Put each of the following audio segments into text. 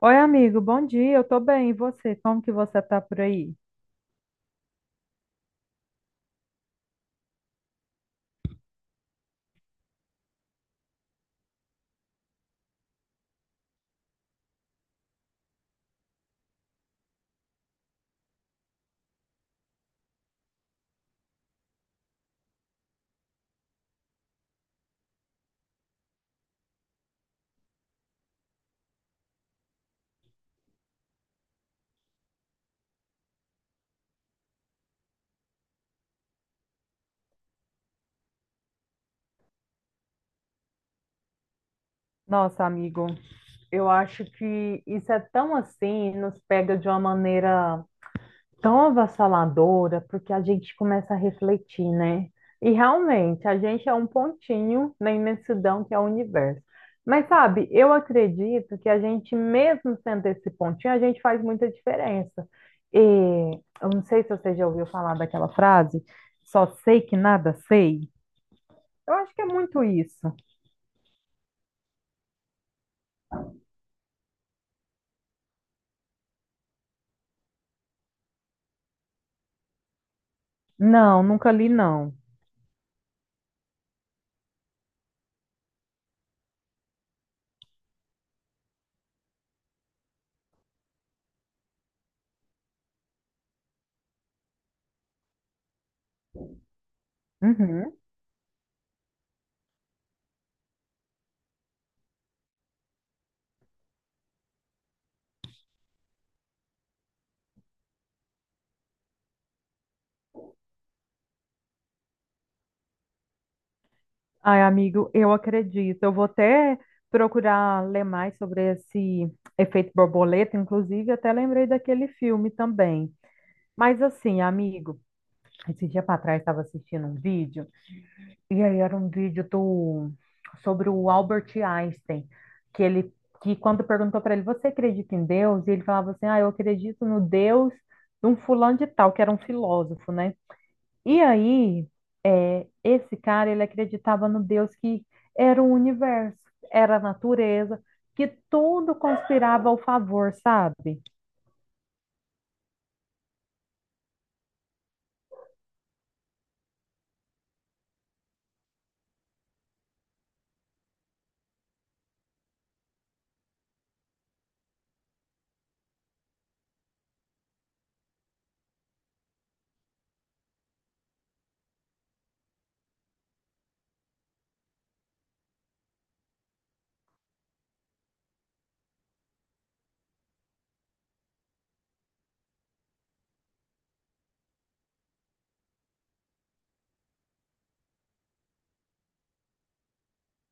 Oi, amigo, bom dia, eu tô bem, e você? Como que você tá por aí? Nossa, amigo, eu acho que isso é tão assim, nos pega de uma maneira tão avassaladora, porque a gente começa a refletir, né? E realmente, a gente é um pontinho na imensidão que é o universo. Mas sabe, eu acredito que a gente, mesmo sendo esse pontinho, a gente faz muita diferença. E eu não sei se você já ouviu falar daquela frase, só sei que nada sei. Eu acho que é muito isso. Não, nunca li, não. Uhum. Ai, amigo, eu acredito. Eu vou até procurar ler mais sobre esse efeito borboleta, inclusive até lembrei daquele filme também. Mas assim, amigo, esse dia para trás estava assistindo um vídeo, e aí era um vídeo do sobre o Albert Einstein, que ele que quando perguntou para ele, você acredita em Deus? E ele falava assim: "Ah, eu acredito no Deus de um fulano de tal", que era um filósofo, né? E aí, é, esse cara, ele acreditava no Deus que era o universo, era a natureza, que tudo conspirava ao favor, sabe?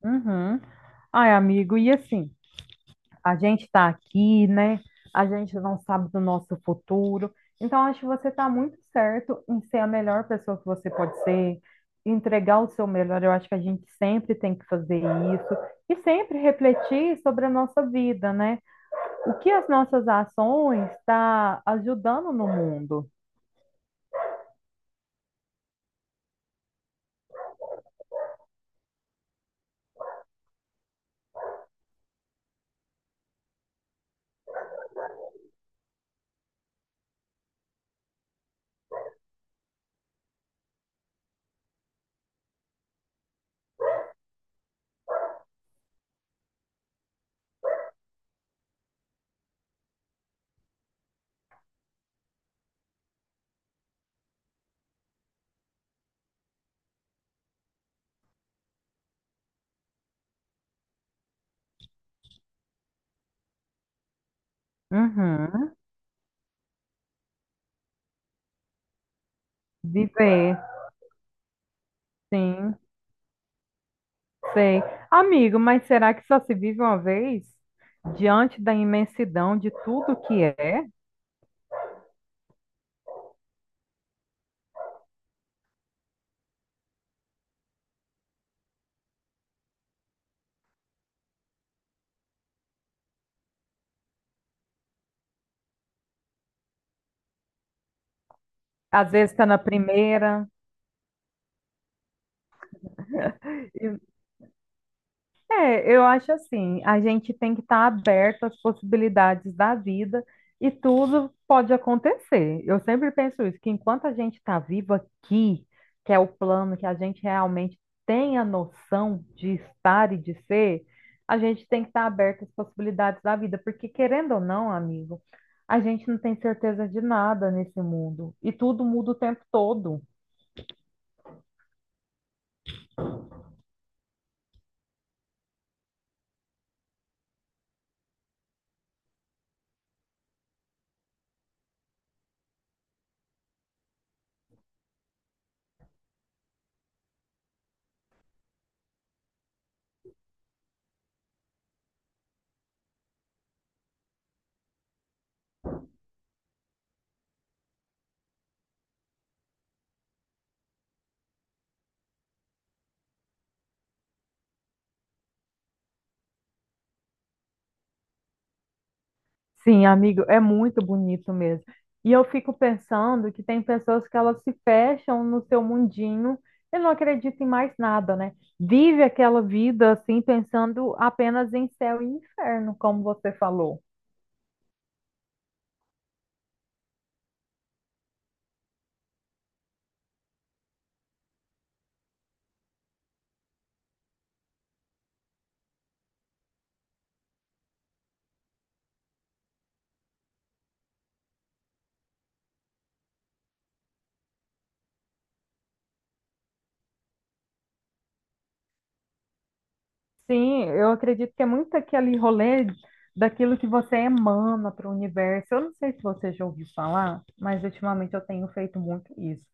Uhum. Ai, amigo, e assim, a gente tá aqui, né? A gente não sabe do nosso futuro. Então, acho que você tá muito certo em ser a melhor pessoa que você pode ser, entregar o seu melhor. Eu acho que a gente sempre tem que fazer isso e sempre refletir sobre a nossa vida, né? O que as nossas ações está ajudando no mundo. Uhum. Viver, sim, sei. Amigo, mas será que só se vive uma vez? Diante da imensidão de tudo que é. Às vezes está na primeira. É, eu acho assim, a gente tem que estar aberto às possibilidades da vida e tudo pode acontecer. Eu sempre penso isso, que enquanto a gente está vivo aqui, que é o plano que a gente realmente tem a noção de estar e de ser, a gente tem que estar aberto às possibilidades da vida, porque querendo ou não, amigo, a gente não tem certeza de nada nesse mundo e tudo muda o tempo todo. Sim, amigo, é muito bonito mesmo. E eu fico pensando que tem pessoas que elas se fecham no seu mundinho e não acreditam em mais nada, né? Vive aquela vida assim, pensando apenas em céu e inferno, como você falou. Sim, eu acredito que é muito aquele rolê daquilo que você emana para o universo. Eu não sei se você já ouviu falar, mas ultimamente eu tenho feito muito isso.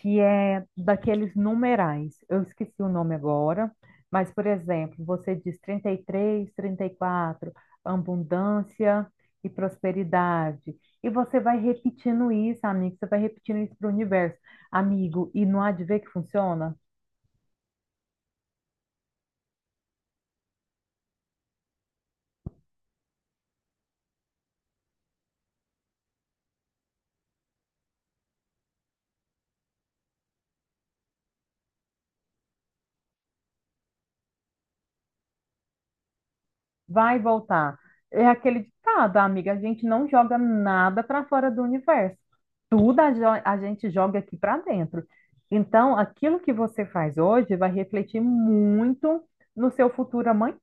que é daqueles numerais. Eu esqueci o nome agora, mas, por exemplo, você diz trinta e três, 34, abundância e prosperidade. E você vai repetindo isso, amigo, você vai repetindo isso para o universo. Amigo, e não há de ver que funciona? Vai voltar. É aquele ditado, amiga, a gente não joga nada para fora do universo. A gente joga aqui para dentro. Então, aquilo que você faz hoje vai refletir muito no seu futuro amanhã.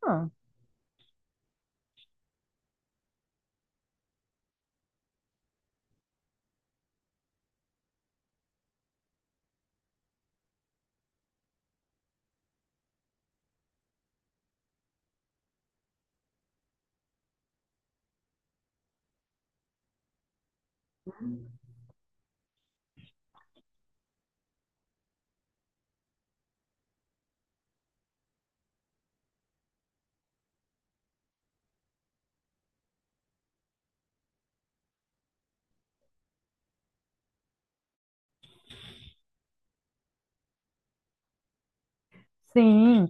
Sim,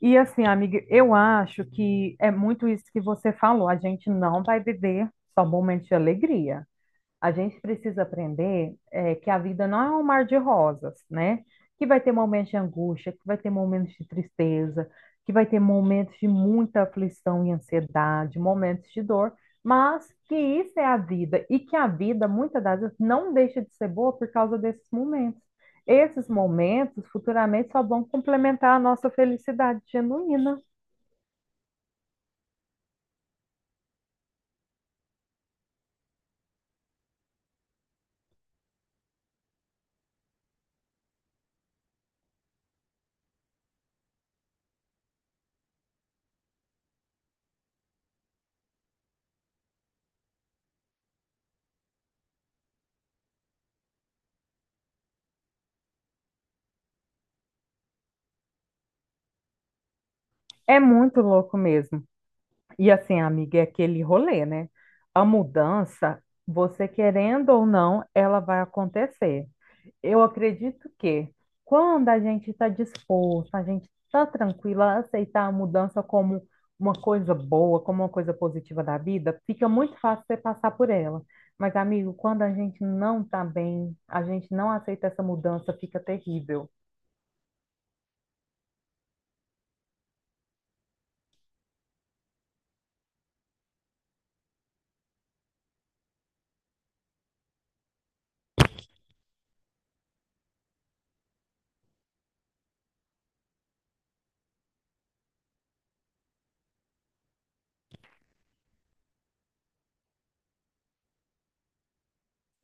e assim, amiga, eu acho que é muito isso que você falou. A gente não vai viver só momentos de alegria. A gente precisa aprender é, que a vida não é um mar de rosas, né? Que vai ter momentos de angústia, que vai ter momentos de tristeza, que vai ter momentos de muita aflição e ansiedade, momentos de dor, mas que isso é a vida e que a vida, muitas das vezes, não deixa de ser boa por causa desses momentos. Esses momentos futuramente só vão complementar a nossa felicidade genuína. É muito louco mesmo. E assim, amiga, é aquele rolê, né? A mudança, você querendo ou não, ela vai acontecer. Eu acredito que quando a gente está disposto, a gente está tranquila a aceitar a mudança como uma coisa boa, como uma coisa positiva da vida, fica muito fácil você passar por ela. Mas, amigo, quando a gente não está bem, a gente não aceita essa mudança, fica terrível.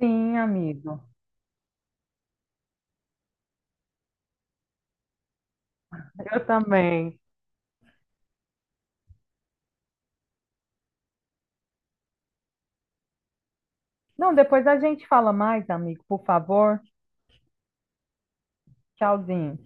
Sim, amigo, eu também. Não, depois a gente fala mais, amigo, por favor. Tchauzinho.